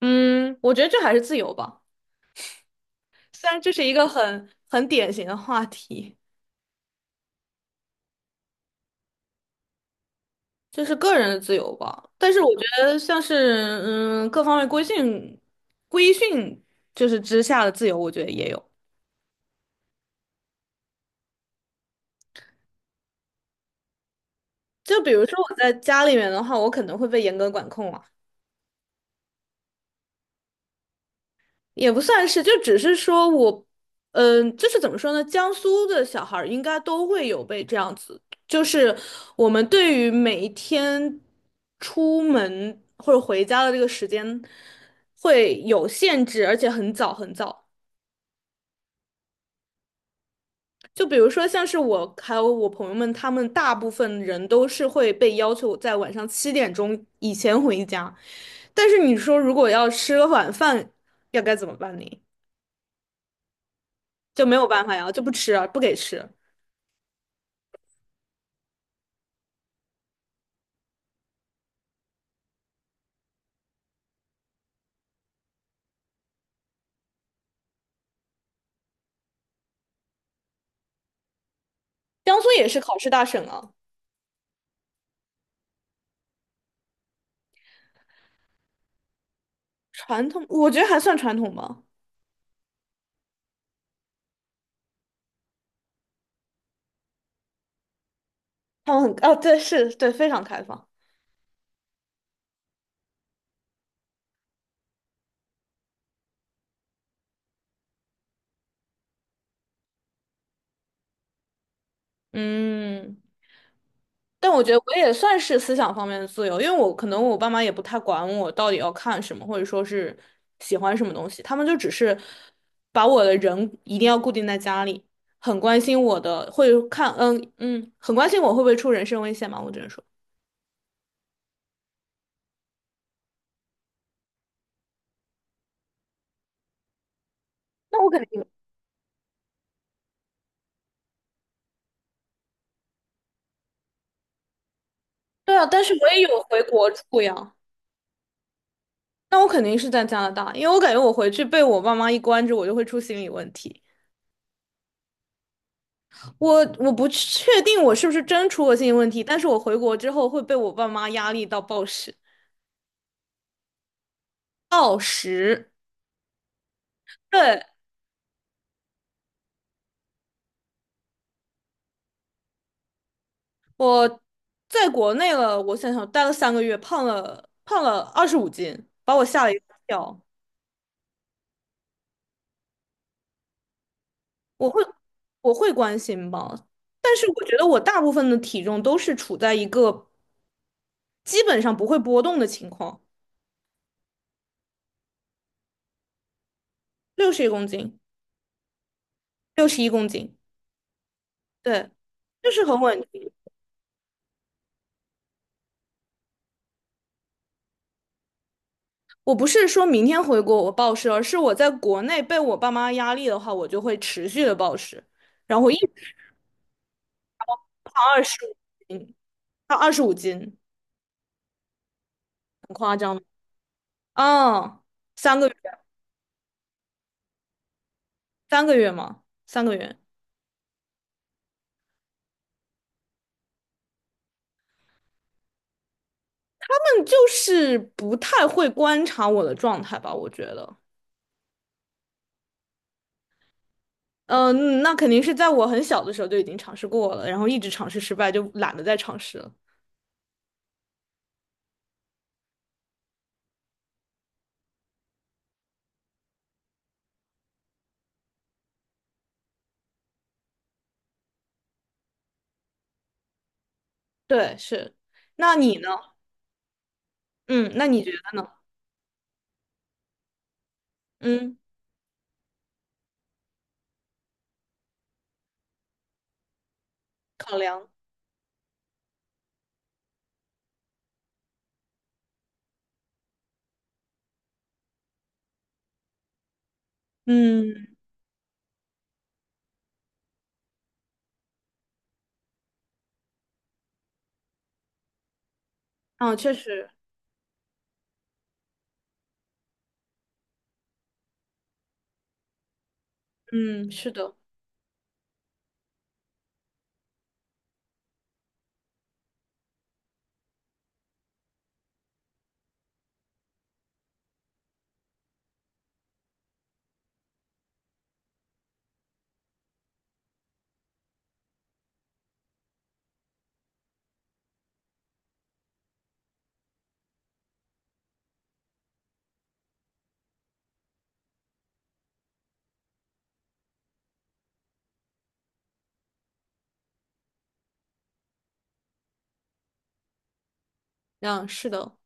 嗯，我觉得这还是自由吧。虽然这是一个很典型的话题，就是个人的自由吧，但是我觉得像是各方面规训就是之下的自由，我觉得也有。就比如说我在家里面的话，我可能会被严格管控啊。也不算是，就只是说我，就是怎么说呢？江苏的小孩儿应该都会有被这样子，就是我们对于每一天出门或者回家的这个时间会有限制，而且很早很早。就比如说像是我还有我朋友们，他们大部分人都是会被要求在晚上7点钟以前回家，但是你说如果要吃个晚饭，要该怎么办呢？就没有办法呀，就不吃啊，不给吃。江苏也是考试大省啊。传统，我觉得还算传统吧。他们很，哦，对，是，对，非常开放。嗯，但我觉得我也算是思想方面的自由，因为我可能我爸妈也不太管我到底要看什么，或者说是喜欢什么东西，他们就只是把我的人一定要固定在家里，很关心我的，会看，嗯嗯，很关心我会不会出人身危险嘛，我只能说。那我肯定。对啊，但是我也有回国住呀。那我肯定是在加拿大，因为我感觉我回去被我爸妈一关着，我就会出心理问题。我不确定我是不是真出过心理问题，但是我回国之后会被我爸妈压力到暴食。暴食，对，我在国内了，我想想，待了三个月，胖了二十五斤，把我吓了一跳。我会我会关心吧，但是我觉得我大部分的体重都是处在一个基本上不会波动的情况，六十一公斤，六十一公斤。对，就是很稳定。我不是说明天回国我暴食，而是我在国内被我爸妈压力的话，我就会持续的暴食，然后我一直胖二十五斤，胖二十五斤，很夸张吗？嗯，三个月，三个月吗？三个月。但就是不太会观察我的状态吧，我觉得。嗯，那肯定是在我很小的时候就已经尝试过了，然后一直尝试失败，就懒得再尝试了。对，是。那你呢？嗯，那你觉得呢？嗯，考量。嗯。啊，确实。嗯，是的。嗯，是的。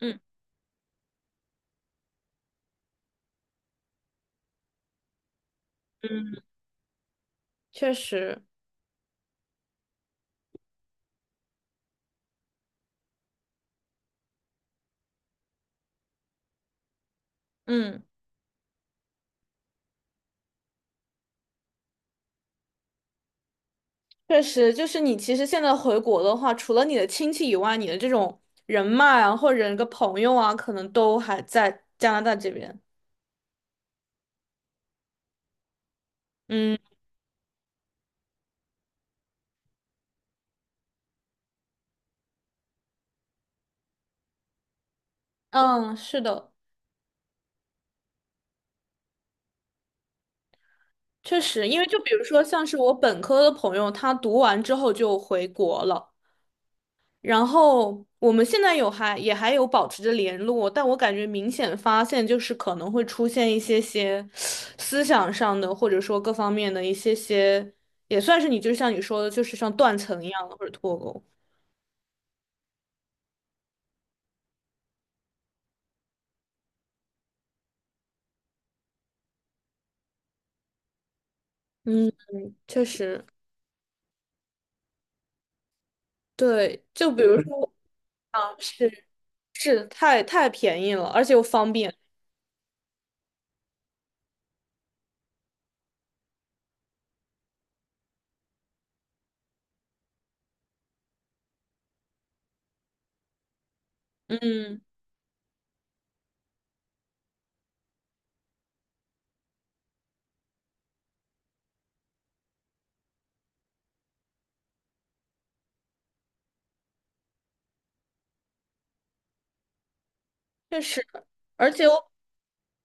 嗯嗯，确实。嗯，确实，就是你其实现在回国的话，除了你的亲戚以外，你的这种人脉啊，或者一个朋友啊，可能都还在加拿大这边。嗯嗯，是的，确实，因为就比如说像是我本科的朋友，他读完之后就回国了。然后我们现在有还也还有保持着联络，但我感觉明显发现就是可能会出现一些些思想上的，或者说各方面的一些些，也算是你就像你说的，就是像断层一样的或者脱钩。嗯，确实。对，就比如说啊，是太便宜了，而且又方便。嗯。确实，而且我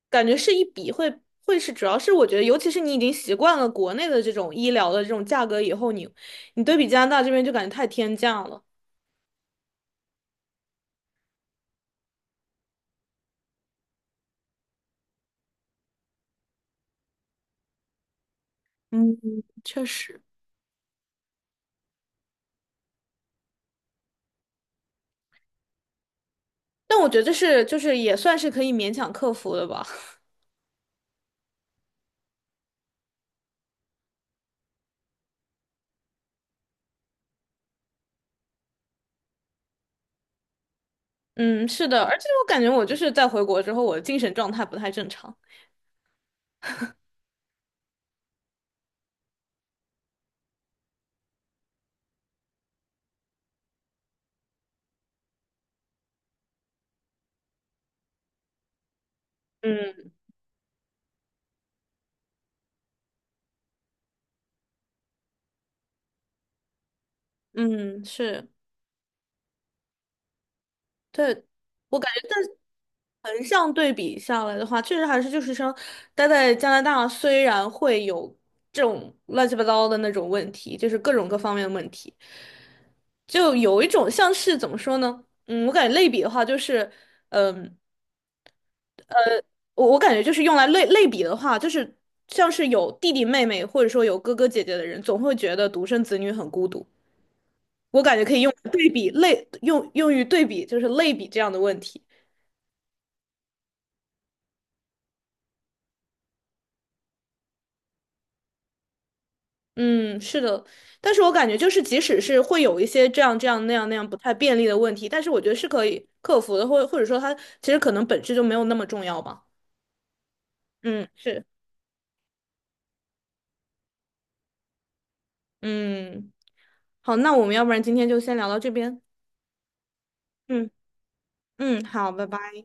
感觉是一笔会是，主要是我觉得，尤其是你已经习惯了国内的这种医疗的这种价格以后，你对比加拿大这边就感觉太天价了。嗯，确实。但我觉得这是就是也算是可以勉强克服的吧。嗯，是的，而且我感觉我就是在回国之后，我的精神状态不太正常。嗯嗯，是，对。我感。横向对比下来的话，确实还是就是说，待在加拿大虽然会有这种乱七八糟的那种问题，就是各种各方面的问题，就有一种像是怎么说呢？嗯，我感觉类比的话，就是，嗯，我感觉就是用来类比的话，就是像是有弟弟妹妹或者说有哥哥姐姐的人，总会觉得独生子女很孤独。我感觉可以用来对比类用于对比，就是类比这样的问题。嗯，是的，但是我感觉就是，即使是会有一些这样这样那样那样不太便利的问题，但是我觉得是可以克服的，或者说它其实可能本质就没有那么重要吧。嗯，是。嗯，好，那我们要不然今天就先聊到这边。嗯嗯，好，拜拜。